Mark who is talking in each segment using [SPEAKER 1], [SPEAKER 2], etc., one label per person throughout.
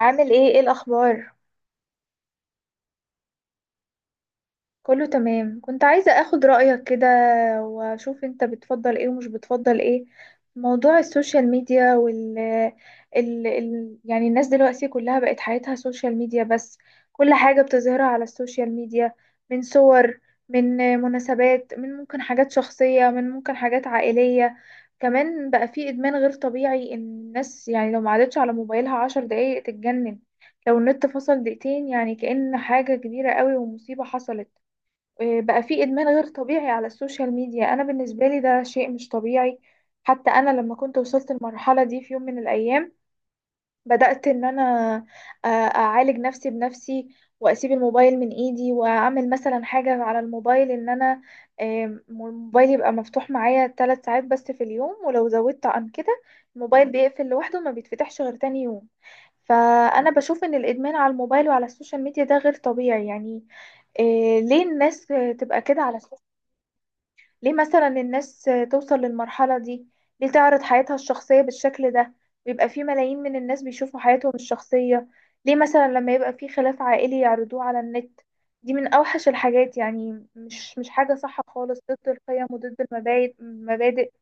[SPEAKER 1] عامل ايه الاخبار. كله تمام، كنت عايزة اخد رأيك كده، واشوف انت بتفضل ايه ومش بتفضل ايه في موضوع السوشيال ميديا يعني الناس دلوقتي كلها بقت حياتها سوشيال ميديا بس، كل حاجة بتظهرها على السوشيال ميديا، من صور، من مناسبات، من ممكن حاجات شخصية، من ممكن حاجات عائلية. كمان بقى في ادمان غير طبيعي، ان الناس يعني لو ما عادتش على موبايلها عشر دقايق تتجنن، لو النت فصل دقيقتين يعني كأن حاجة كبيرة قوي ومصيبة حصلت. بقى في ادمان غير طبيعي على السوشيال ميديا. انا بالنسبة لي ده شيء مش طبيعي. حتى انا لما كنت وصلت المرحلة دي في يوم من الايام، بدأت إن أنا أعالج نفسي بنفسي، وأسيب الموبايل من إيدي، وأعمل مثلا حاجة على الموبايل إن أنا الموبايل يبقى مفتوح معايا ثلاث ساعات بس في اليوم، ولو زودت عن كده الموبايل بيقفل لوحده، ما بيتفتحش غير تاني يوم. فأنا بشوف إن الإدمان على الموبايل وعلى السوشيال ميديا ده غير طبيعي يعني. ليه الناس تبقى كده على، ليه مثلا الناس توصل للمرحلة دي، ليه تعرض حياتها الشخصية بالشكل ده، ويبقى في ملايين من الناس بيشوفوا حياتهم الشخصية. ليه مثلا لما يبقى في خلاف عائلي يعرضوه على النت؟ دي من أوحش الحاجات، يعني مش حاجة صح خالص، ضد القيم وضد المبادئ المبادئ،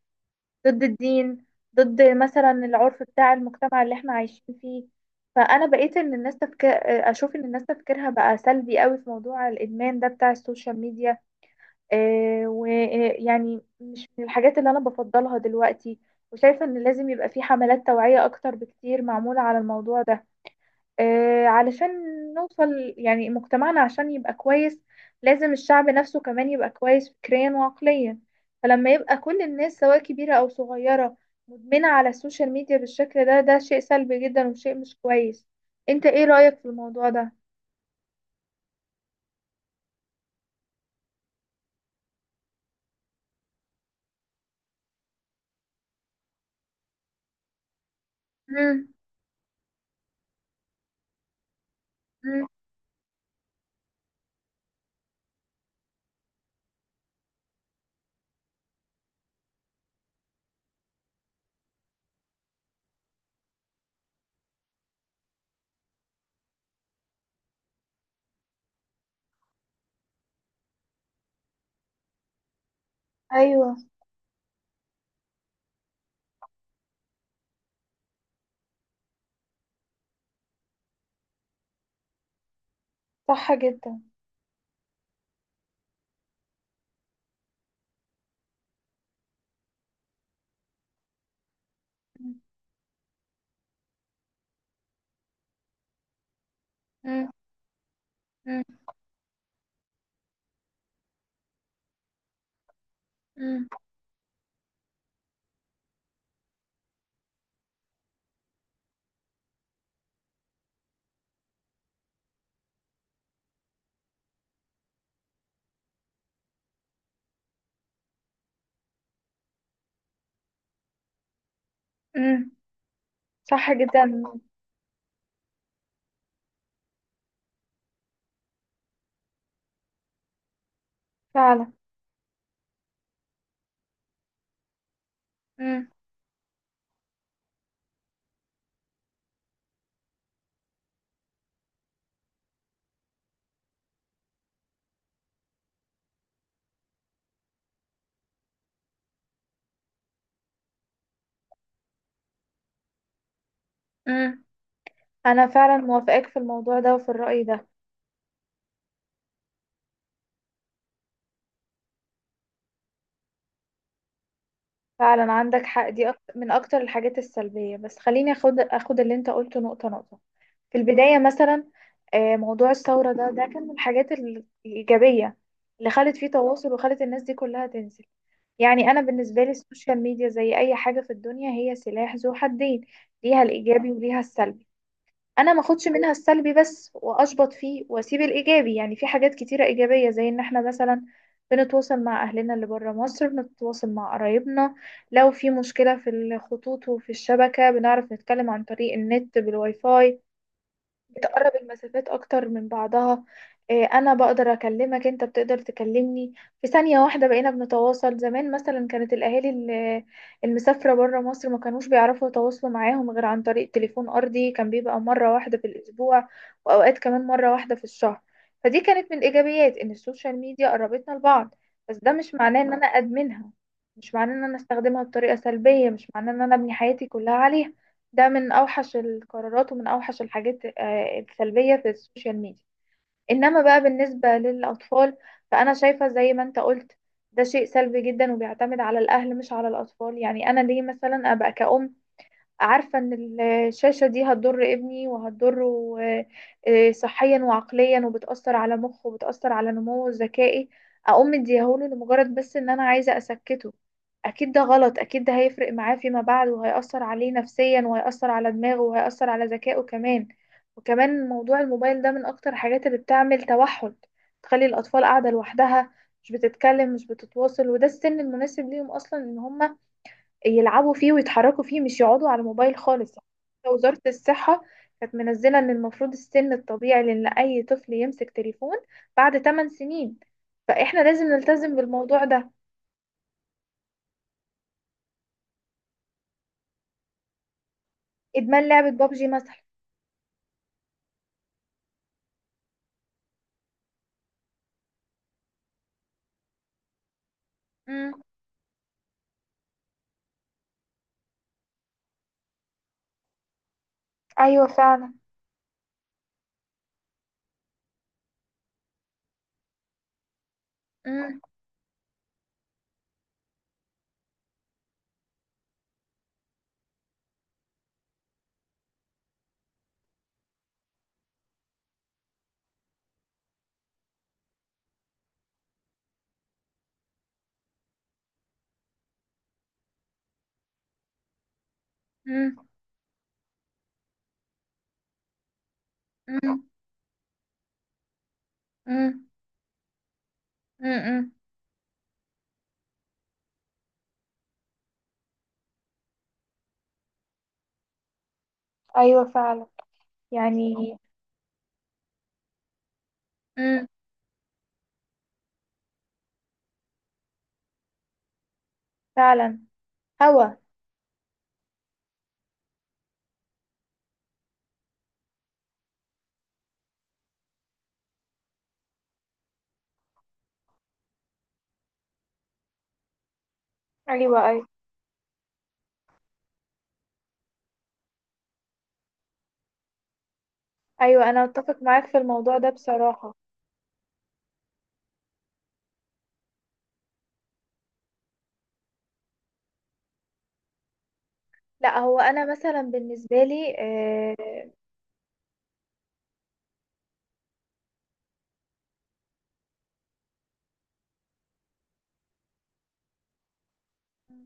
[SPEAKER 1] ضد الدين، ضد مثلا العرف بتاع المجتمع اللي احنا عايشين فيه. فأنا بقيت إن الناس تفكر، أشوف إن الناس تفكيرها بقى سلبي قوي في موضوع الإدمان ده بتاع السوشيال ميديا. ويعني مش من الحاجات اللي أنا بفضلها دلوقتي، وشايفة إن لازم يبقى في حملات توعية أكتر بكتير معمولة على الموضوع ده. علشان نوصل، يعني مجتمعنا عشان يبقى كويس لازم الشعب نفسه كمان يبقى كويس فكريا وعقليا. فلما يبقى كل الناس سواء كبيرة أو صغيرة مدمنة على السوشيال ميديا بالشكل ده، ده شيء سلبي جدا وشيء مش كويس. انت ايه رأيك في الموضوع ده؟ مم. مم. ايوه، صح جدا. مم. مم. مم. امم، صح جدا. فعلا. امم. امم، انا فعلا موافقاك في الموضوع ده وفي الرأي ده. فعلا عندك حق، دي من اكتر الحاجات السلبية. بس خليني اخد اللي انت قلته نقطة نقطة. في البداية مثلا، موضوع الثورة ده، ده كان من الحاجات الإيجابية اللي خلت فيه تواصل وخلت الناس دي كلها تنزل. يعني انا بالنسبة لي السوشيال ميديا زي اي حاجة في الدنيا، هي سلاح ذو حدين، ليها الإيجابي وليها السلبي. انا ما اخدش منها السلبي بس واشبط فيه واسيب الايجابي، يعني في حاجات كتيره ايجابيه زي ان احنا مثلا بنتواصل مع اهلنا اللي بره مصر، بنتواصل مع قرايبنا. لو في مشكله في الخطوط وفي الشبكه بنعرف نتكلم عن طريق النت بالواي فاي، بتقرب المسافات اكتر من بعضها. انا بقدر اكلمك، انت بتقدر تكلمني في ثانية واحدة، بقينا بنتواصل. زمان مثلا كانت الاهالي المسافرة برا مصر ما كانوش بيعرفوا يتواصلوا معاهم غير عن طريق تليفون ارضي، كان بيبقى مرة واحدة في الاسبوع، واوقات كمان مرة واحدة في الشهر. فدي كانت من الايجابيات، ان السوشيال ميديا قربتنا لبعض. بس ده مش معناه ان انا ادمنها، مش معناه ان انا استخدمها بطريقة سلبية، مش معناه ان انا ابني حياتي كلها عليها. ده من اوحش القرارات ومن اوحش الحاجات السلبيه في السوشيال ميديا. انما بقى بالنسبه للاطفال، فانا شايفه زي ما انت قلت ده شيء سلبي جدا، وبيعتمد على الاهل مش على الاطفال. يعني انا ليه مثلا ابقى كأم عارفة ان الشاشة دي هتضر ابني وهتضره صحيا وعقليا، وبتأثر على مخه وبتأثر على نموه الذكائي، اقوم مديهوله لمجرد بس ان انا عايزة اسكته؟ اكيد ده غلط، اكيد ده هيفرق معاه فيما بعد، وهيأثر عليه نفسيا، وهيأثر على دماغه، وهيأثر على ذكائه كمان. وكمان موضوع الموبايل ده من اكتر الحاجات اللي بتعمل توحد، تخلي الاطفال قاعدة لوحدها، مش بتتكلم مش بتتواصل، وده السن المناسب ليهم اصلا ان هما يلعبوا فيه ويتحركوا فيه، مش يقعدوا على الموبايل خالص. وزارة الصحة كانت منزلة ان المفروض السن الطبيعي لان اي طفل يمسك تليفون بعد 8 سنين، فاحنا لازم نلتزم بالموضوع ده. ادمان لعبة بابجي مثلا. امم. ايوه، فعلا. امم. امم. امم. امم. امم. ايوه، فعلا. يعني. امم. فعلا. هوا. ايوه. ايوه. ايوه، انا اتفق معاك في الموضوع ده بصراحة. لا، هو انا مثلا بالنسبة لي آه،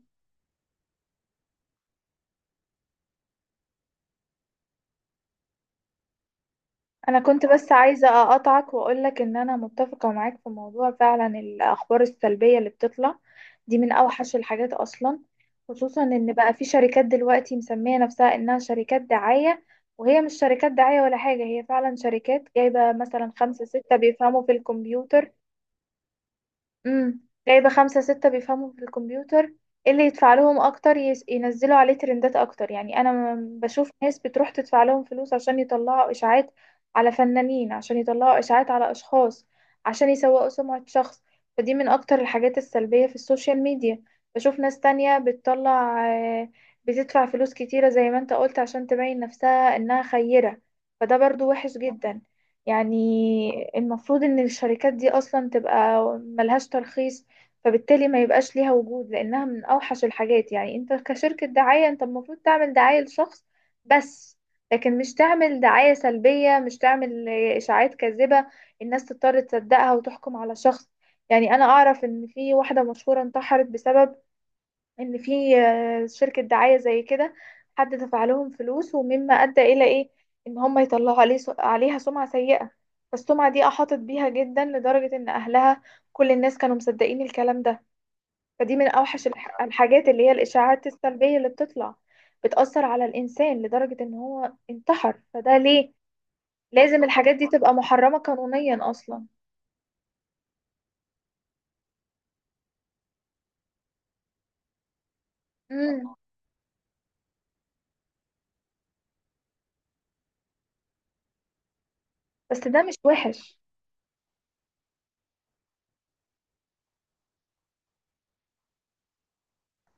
[SPEAKER 1] انا كنت بس عايزة اقطعك واقولك ان انا متفقة معاك في موضوع فعلا الاخبار السلبية اللي بتطلع، دي من اوحش الحاجات اصلا. خصوصا ان بقى في شركات دلوقتي مسمية نفسها انها شركات دعاية، وهي مش شركات دعاية ولا حاجة. هي فعلا شركات جايبة مثلا خمسة ستة بيفهموا في الكمبيوتر. امم. جايبة خمسة ستة بيفهموا في الكمبيوتر، إيه اللي يدفع لهم أكتر ينزلوا عليه ترندات أكتر. يعني أنا بشوف ناس بتروح تدفع لهم فلوس عشان يطلعوا إشاعات على فنانين، عشان يطلعوا إشاعات على أشخاص، عشان يسوقوا سمعة شخص. فدي من أكتر الحاجات السلبية في السوشيال ميديا. بشوف ناس تانية بتطلع، آه، بتدفع فلوس كتيرة زي ما انت قلت عشان تبين نفسها إنها خيرة، فده برضو وحش جدا. يعني المفروض ان الشركات دي اصلا تبقى ملهاش ترخيص، فبالتالي ما يبقاش ليها وجود، لانها من اوحش الحاجات. يعني انت كشركة دعاية انت المفروض تعمل دعاية لشخص بس، لكن مش تعمل دعاية سلبية، مش تعمل اشاعات كاذبة الناس تضطر تصدقها وتحكم على شخص. يعني انا اعرف ان في واحدة مشهورة انتحرت بسبب ان في شركة دعاية زي كده، حد دفع لهم فلوس، ومما ادى الى ايه؟ ان هم يطلعوا عليه عليها سمعة سيئة. فالسمعة دي احاطت بيها جدا لدرجة ان اهلها، كل الناس كانوا مصدقين الكلام ده. فدي من اوحش الحاجات اللي هي الاشاعات السلبية اللي بتطلع، بتأثر على الانسان لدرجة ان هو انتحر، فده ليه لازم الحاجات دي تبقى محرمة قانونيا اصلا. امم. بس ده مش وحش.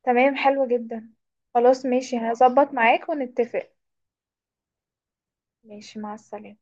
[SPEAKER 1] تمام، حلو جدا. خلاص، ماشي، هظبط معاك ونتفق. ماشي، مع السلامة.